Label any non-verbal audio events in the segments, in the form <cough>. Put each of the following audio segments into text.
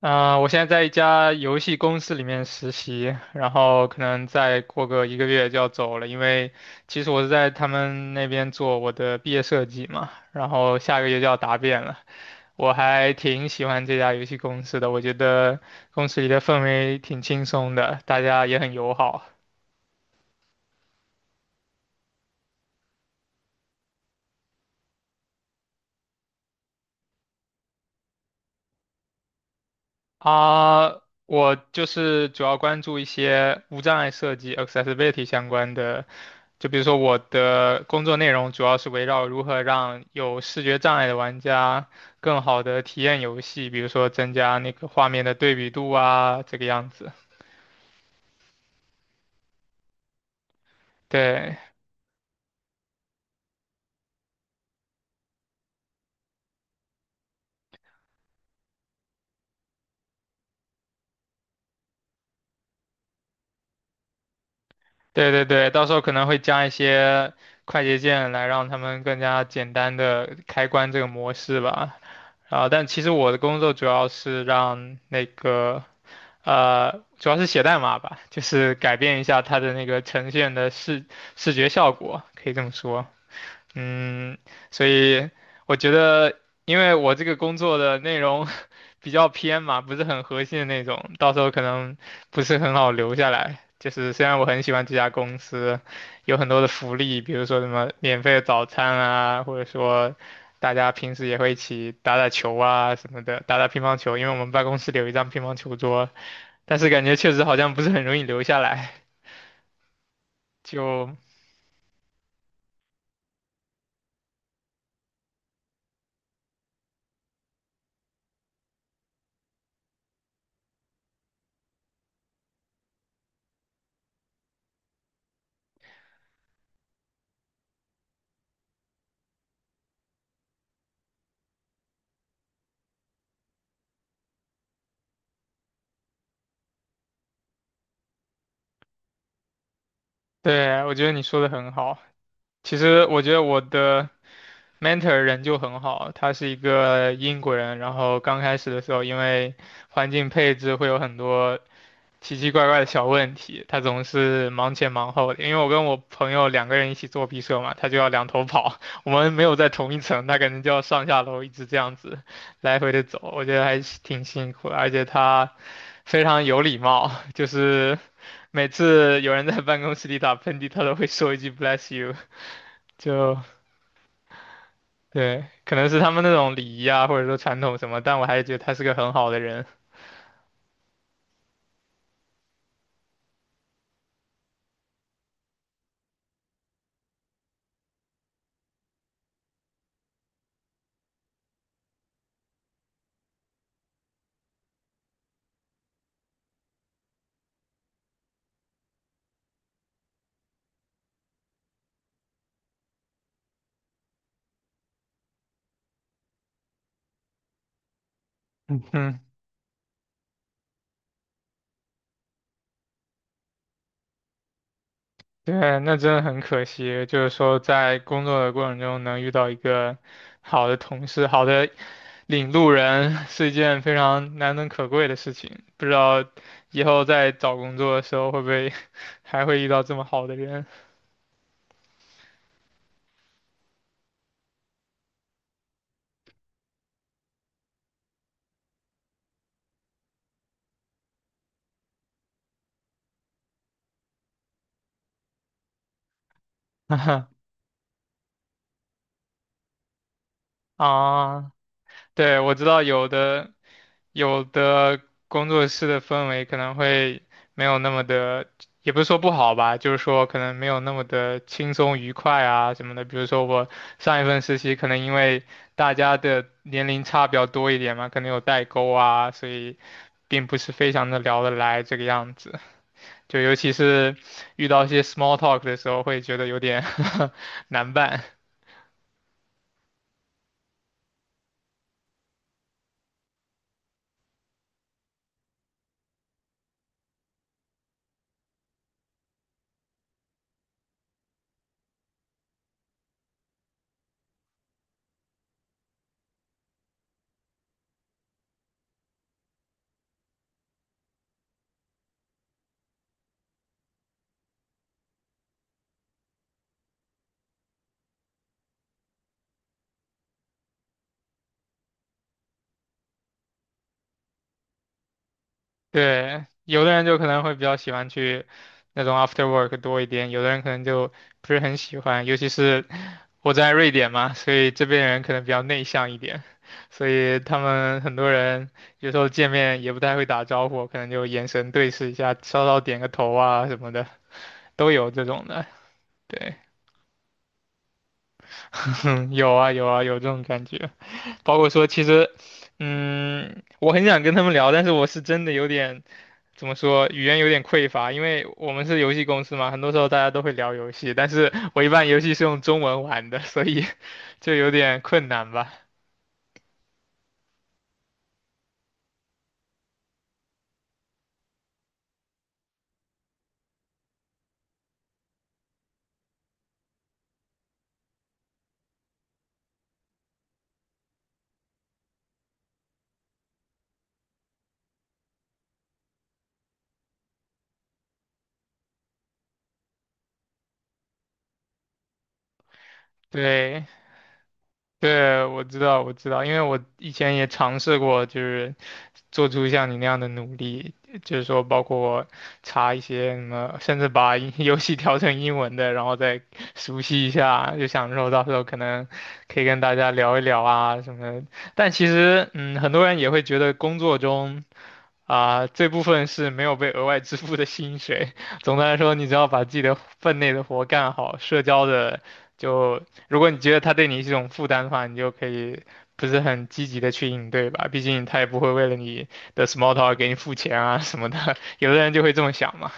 啊、我现在在一家游戏公司里面实习，然后可能再过个1个月就要走了，因为其实我是在他们那边做我的毕业设计嘛，然后下个月就要答辩了。我还挺喜欢这家游戏公司的，我觉得公司里的氛围挺轻松的，大家也很友好。啊，我就是主要关注一些无障碍设计 （accessibility） 相关的，就比如说我的工作内容主要是围绕如何让有视觉障碍的玩家更好的体验游戏，比如说增加那个画面的对比度啊，这个样子。对。对对对，到时候可能会加一些快捷键来让他们更加简单的开关这个模式吧。啊，但其实我的工作主要是让那个，主要是写代码吧，就是改变一下它的那个呈现的视觉效果，可以这么说。嗯，所以我觉得，因为我这个工作的内容 <laughs> 比较偏嘛，不是很核心的那种，到时候可能不是很好留下来。就是虽然我很喜欢这家公司，有很多的福利，比如说什么免费的早餐啊，或者说大家平时也会一起打打球啊什么的，打打乒乓球，因为我们办公室里有一张乒乓球桌，但是感觉确实好像不是很容易留下来。就，对，我觉得你说的很好。其实我觉得我的。mentor 人就很好，他是一个英国人，然后刚开始的时候，因为环境配置会有很多奇奇怪怪的小问题，他总是忙前忙后的。因为我跟我朋友两个人一起做毕设嘛，他就要两头跑，<laughs> 我们没有在同一层，他可能就要上下楼一直这样子来回的走，我觉得还是挺辛苦的，而且他非常有礼貌，就是每次有人在办公室里打喷嚏，他都会说一句 bless you，就对，可能是他们那种礼仪啊，或者说传统什么，但我还是觉得他是个很好的人。嗯哼，对，那真的很可惜，就是说在工作的过程中能遇到一个好的同事、好的领路人，是一件非常难能可贵的事情。不知道以后在找工作的时候会不会 <laughs> 还会遇到这么好的人？<laughs> 啊，对，我知道有的。有的工作室的氛围可能会没有那么的，也不是说不好吧，就是说可能没有那么的轻松愉快啊什么的。比如说我上一份实习，可能因为大家的年龄差比较多一点嘛，可能有代沟啊，所以并不是非常的聊得来这个样子。就尤其是遇到一些 small talk 的时候，会觉得有点 <laughs> 难办。对，有的人就可能会比较喜欢去那种 after work 多一点，有的人可能就不是很喜欢，尤其是我在瑞典嘛，所以这边人可能比较内向一点，所以他们很多人有时候见面也不太会打招呼，可能就眼神对视一下，稍稍点个头啊什么的，都有这种的。对，<laughs> 嗯，有啊有啊有这种感觉，包括说其实，嗯，我很想跟他们聊，但是我是真的有点。怎么说，语言有点匮乏，因为我们是游戏公司嘛，很多时候大家都会聊游戏，但是我一般游戏是用中文玩的，所以 <laughs> 就有点困难吧。对，对，我知道，我知道，因为我以前也尝试过，就是做出像你那样的努力，就是说包括查一些什么，甚至把英 <laughs> 游戏调成英文的，然后再熟悉一下，就想说到时候可能可以跟大家聊一聊啊什么的。但其实，嗯，很多人也会觉得工作中。啊，这部分是没有被额外支付的薪水。<laughs> 总的来说，你只要把自己的分内的活干好，社交的就，如果你觉得他对你是一种负担的话，你就可以不是很积极的去应对吧。毕竟他也不会为了你的 small talk 给你付钱啊什么的。<laughs> 有的人就会这么想嘛。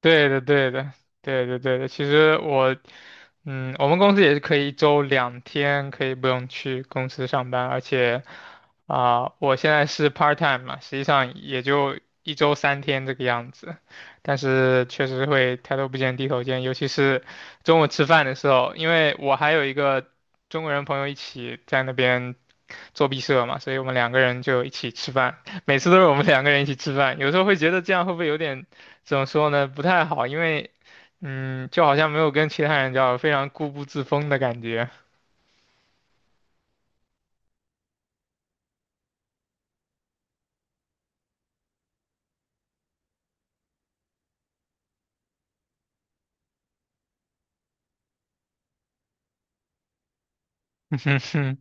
对的，对的，对的，对的。其实我，嗯，我们公司也是可以一周2天可以不用去公司上班，而且，啊、我现在是 part time 嘛，实际上也就一周3天这个样子，但是确实会抬头不见低头见，尤其是中午吃饭的时候，因为我还有一个中国人朋友一起在那边做毕设嘛，所以我们两个人就一起吃饭，每次都是我们两个人一起吃饭，有时候会觉得这样会不会有点。怎么说呢？不太好，因为嗯，就好像没有跟其他人交流，非常固步自封的感觉。<laughs>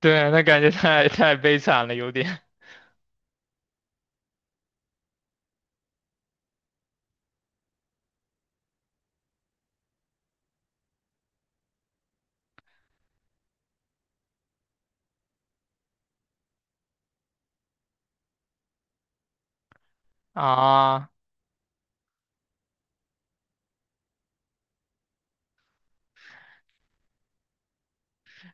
对，那感觉太悲惨了，有点 <laughs> 啊。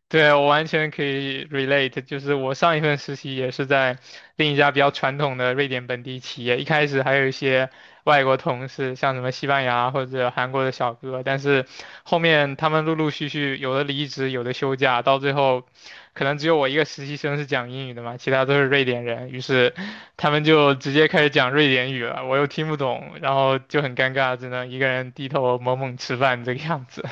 对，我完全可以 relate，就是我上一份实习也是在另一家比较传统的瑞典本地企业，一开始还有一些外国同事，像什么西班牙或者韩国的小哥，但是后面他们陆陆续续有的离职，有的休假，到最后可能只有我一个实习生是讲英语的嘛，其他都是瑞典人，于是他们就直接开始讲瑞典语了，我又听不懂，然后就很尴尬，只能一个人低头猛猛吃饭这个样子。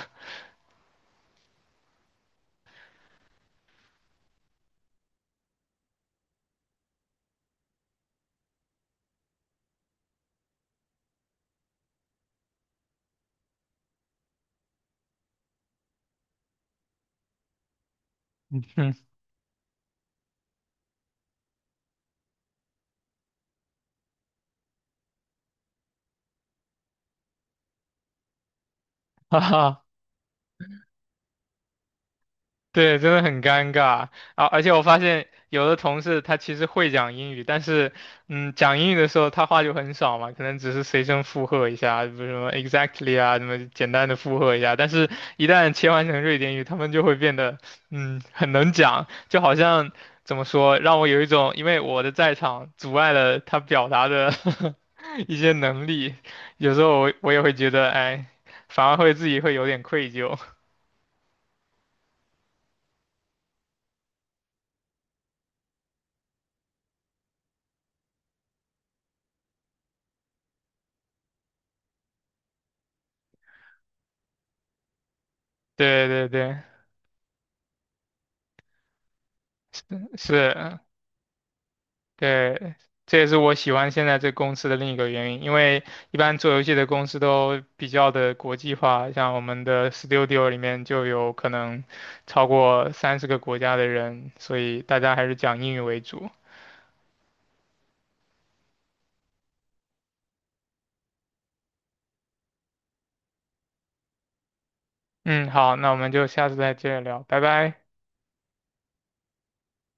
<laughs> 嗯，哈哈，对，真的很尴尬啊！而且我发现有的同事他其实会讲英语，但是，嗯，讲英语的时候他话就很少嘛，可能只是随声附和一下，比如什么 exactly 啊，什么简单的附和一下。但是，一旦切换成瑞典语，他们就会变得，嗯，很能讲，就好像怎么说，让我有一种因为我的在场阻碍了他表达的 <laughs> 一些能力，有时候我也会觉得，哎，反而会自己会有点愧疚。<laughs> 对对对，是。对，这也是我喜欢现在这公司的另一个原因，因为一般做游戏的公司都比较的国际化，像我们的 Studio 里面就有可能超过30个国家的人，所以大家还是讲英语为主。嗯，好，那我们就下次再接着聊，拜拜。